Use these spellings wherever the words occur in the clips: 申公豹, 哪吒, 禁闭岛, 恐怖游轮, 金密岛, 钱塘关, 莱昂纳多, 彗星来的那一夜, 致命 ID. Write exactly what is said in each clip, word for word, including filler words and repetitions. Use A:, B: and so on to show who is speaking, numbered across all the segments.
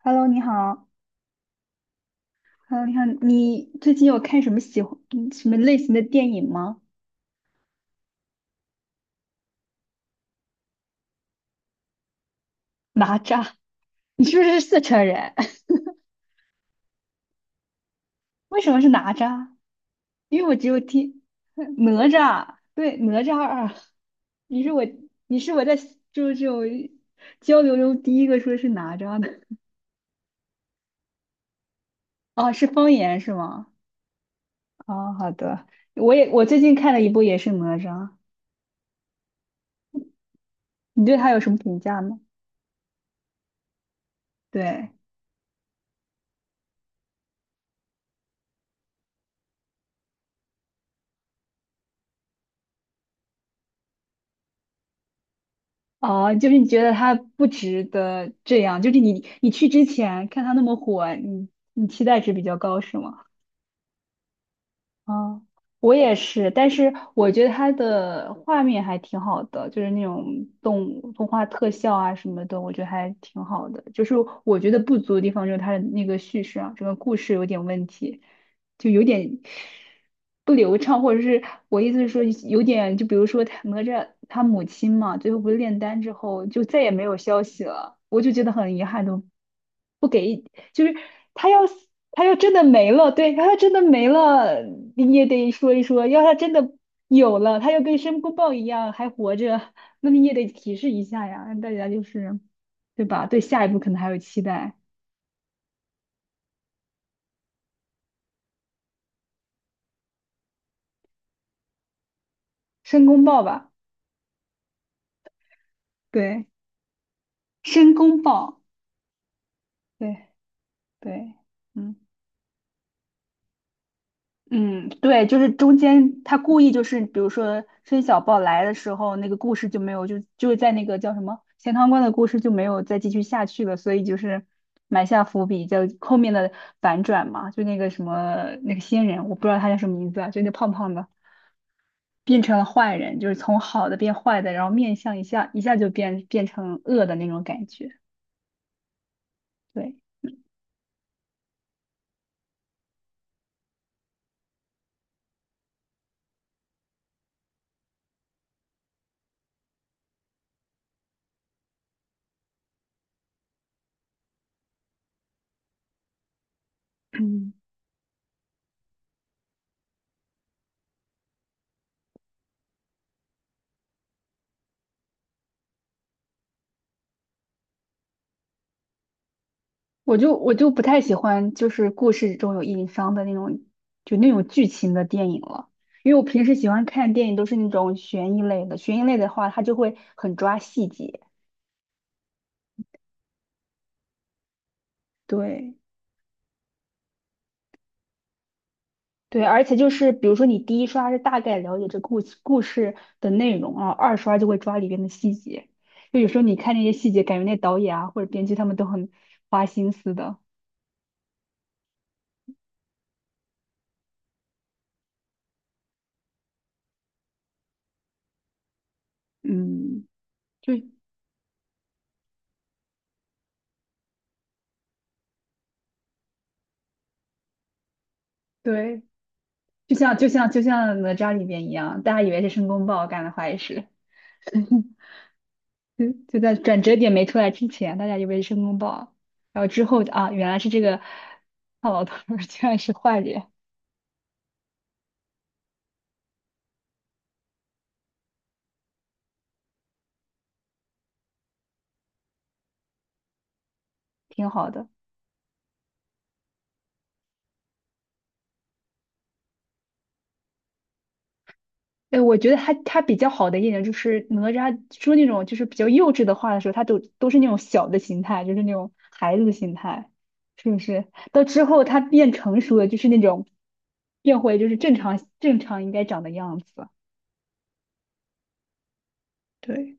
A: Hello，你好。Hello，你好。你最近有看什么喜欢嗯什么类型的电影吗？哪吒，你是不是四川人？为什么是哪吒？因为我只有听哪吒，对，哪吒二。你是我，你是我在就是这种交流中第一个说是哪吒的。哦，是方言是吗？哦，好的。我也我最近看了一部也是哪吒，你对他有什么评价吗？对。哦，就是你觉得他不值得这样，就是你你去之前看他那么火，你你期待值比较高是吗？哦，我也是，但是我觉得它的画面还挺好的，就是那种动物动画特效啊什么的，我觉得还挺好的。就是我觉得不足的地方就是它的那个叙事啊，整个故事有点问题，就有点不流畅，或者是我意思是说有点，就比如说他哪吒他母亲嘛，最后不是炼丹之后就再也没有消息了，我就觉得很遗憾，都不给就是他要死他要真的没了，对，他要真的没了，你也得说一说；要他真的有了，他又跟申公豹一样还活着，那你也得提示一下呀，让大家就是对吧？对下一步可能还有期待，申公豹吧，对，申公豹，对对，嗯。嗯，对，就是中间他故意就是，比如说申小豹来的时候，那个故事就没有，就就是在那个叫什么钱塘关的故事就没有再继续下去了，所以就是埋下伏笔，叫后面的反转嘛，就那个什么那个仙人，我不知道他叫什么名字啊，就那胖胖的变成了坏人，就是从好的变坏的，然后面相一下一下就变变成恶的那种感觉，对。嗯。我就我就不太喜欢，就是故事中有硬伤的那种，就那种剧情的电影了。因为我平时喜欢看电影都是那种悬疑类的，悬疑类的话，它就会很抓细节。对对，而且就是比如说你第一刷是大概了解这故事故事的内容啊，二刷就会抓里边的细节。就有时候你看那些细节，感觉那导演啊或者编剧他们都很花心思的。嗯，就对，就像就像就像哪吒里边一样，大家以为是申公豹干的坏事。就就在转折点没出来之前，大家以为是申公豹，然后之后啊，原来是这个 胖老头儿居然是坏人，挺好的。哎，我觉得他他比较好的一点就是哪吒说那种就是比较幼稚的话的时候，他都都是那种小的心态，就是那种孩子的心态，是不是？到之后他变成熟了，就是那种变回就是正常正常应该长的样子。对，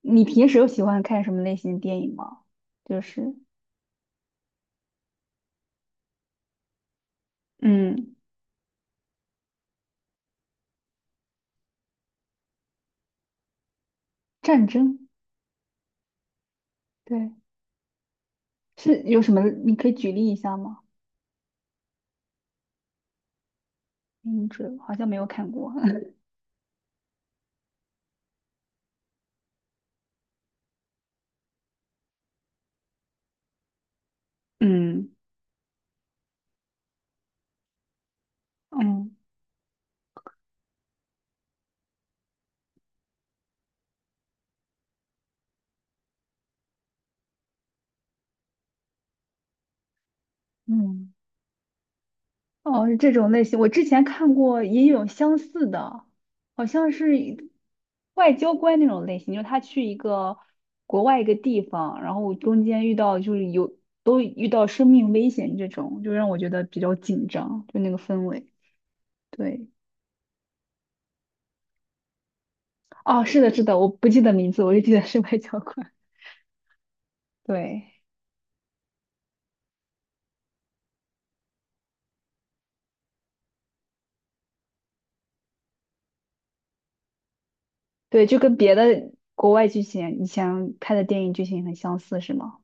A: 你平时有喜欢看什么类型的电影吗？就是嗯，战争。对。是有什么？你可以举例一下吗？名字好像没有看过。嗯，嗯嗯，哦，是这种类型。我之前看过也有相似的，好像是一外交官那种类型，就是他去一个国外一个地方，然后中间遇到就是有都遇到生命危险这种，就让我觉得比较紧张，就那个氛围。对，哦，是的，是的，我不记得名字，我就记得是外交官。对。对，就跟别的国外剧情以前拍的电影剧情很相似，是吗？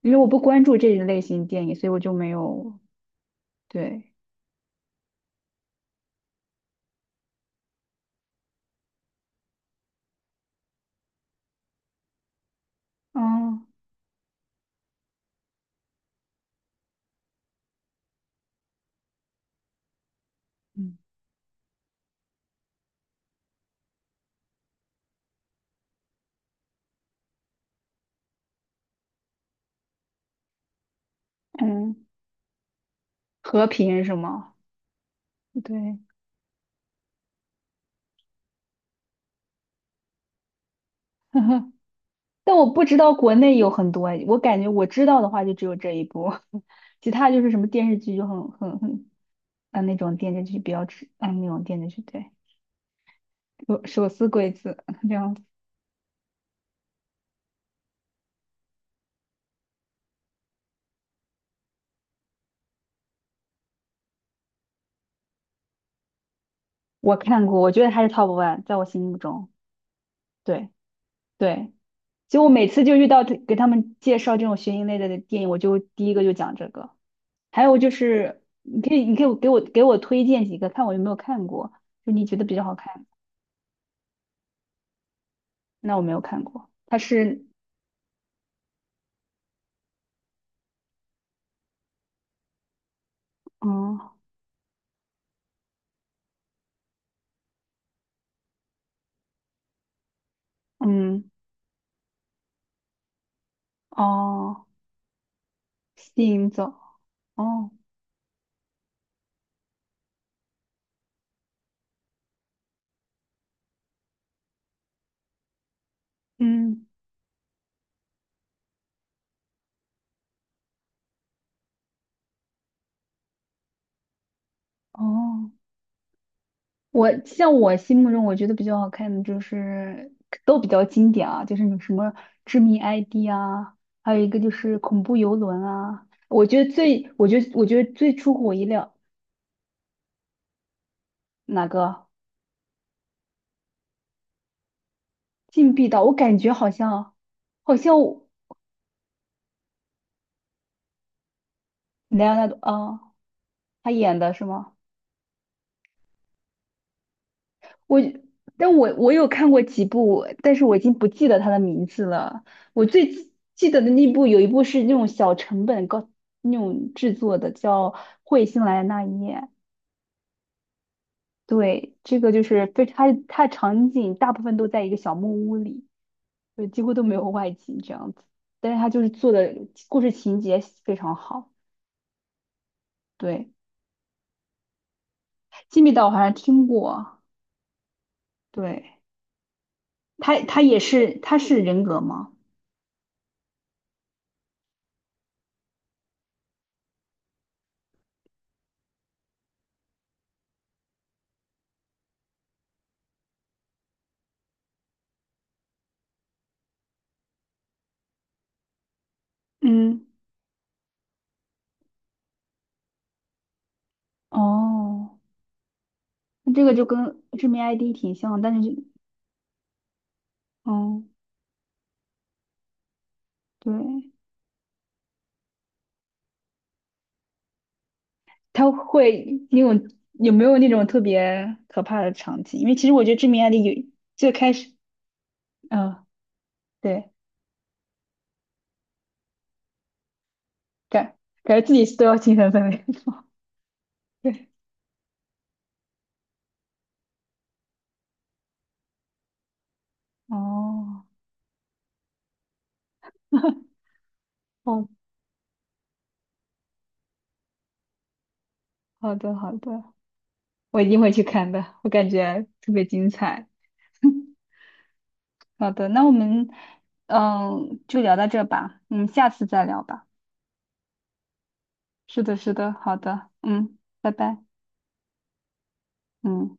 A: 因为我不关注这一类型电影，所以我就没有对，嗯嗯，嗯，和平是吗？对，但我不知道国内有很多，我感觉我知道的话就只有这一部，其他就是什么电视剧就很很很啊那种电视剧比较吃啊那种电视剧对，手手撕鬼子这样子，我看过，我觉得还是 top one，在我心目中，对对。就我每次就遇到他给他们介绍这种悬疑类的电影，我就第一个就讲这个。还有就是，你可以，你可以给我给我推荐几个，看我有没有看过，就你觉得比较好看。那我没有看过，它是，嗯嗯哦，吸引走，哦嗯哦。我像我心目中我觉得比较好看的就是都比较经典啊，就是有什么《致命 I D》啊，还有一个就是《恐怖游轮》啊。我觉得最，我觉得我觉得最出乎我意料，哪个《禁闭岛》？我感觉好像好像莱昂纳多啊，他演的是吗？但我我有看过几部，但是我已经不记得它的名字了。我最记记得的那部有一部是那种小成本高那种制作的，叫《彗星来的那一夜》。对，这个就是非它它场景大部分都在一个小木屋里，就几乎都没有外景这样子。但是它就是做的故事情节非常好。对，《金密岛》我好像听过。对，它它也是它是人格吗？嗯，哦。这个就跟知名 I D 挺像，但是就，哦，对，它会那种有没有那种特别可怕的场景？因为其实我觉得知名 I D 有最开始，嗯、对，感感觉自己都要精神分裂。对，哦，哦，好的好的，我一定会去看的，我感觉特别精彩。好的，那我们嗯就聊到这吧，嗯，下次再聊吧。是的，是的，好的，嗯，拜拜，嗯。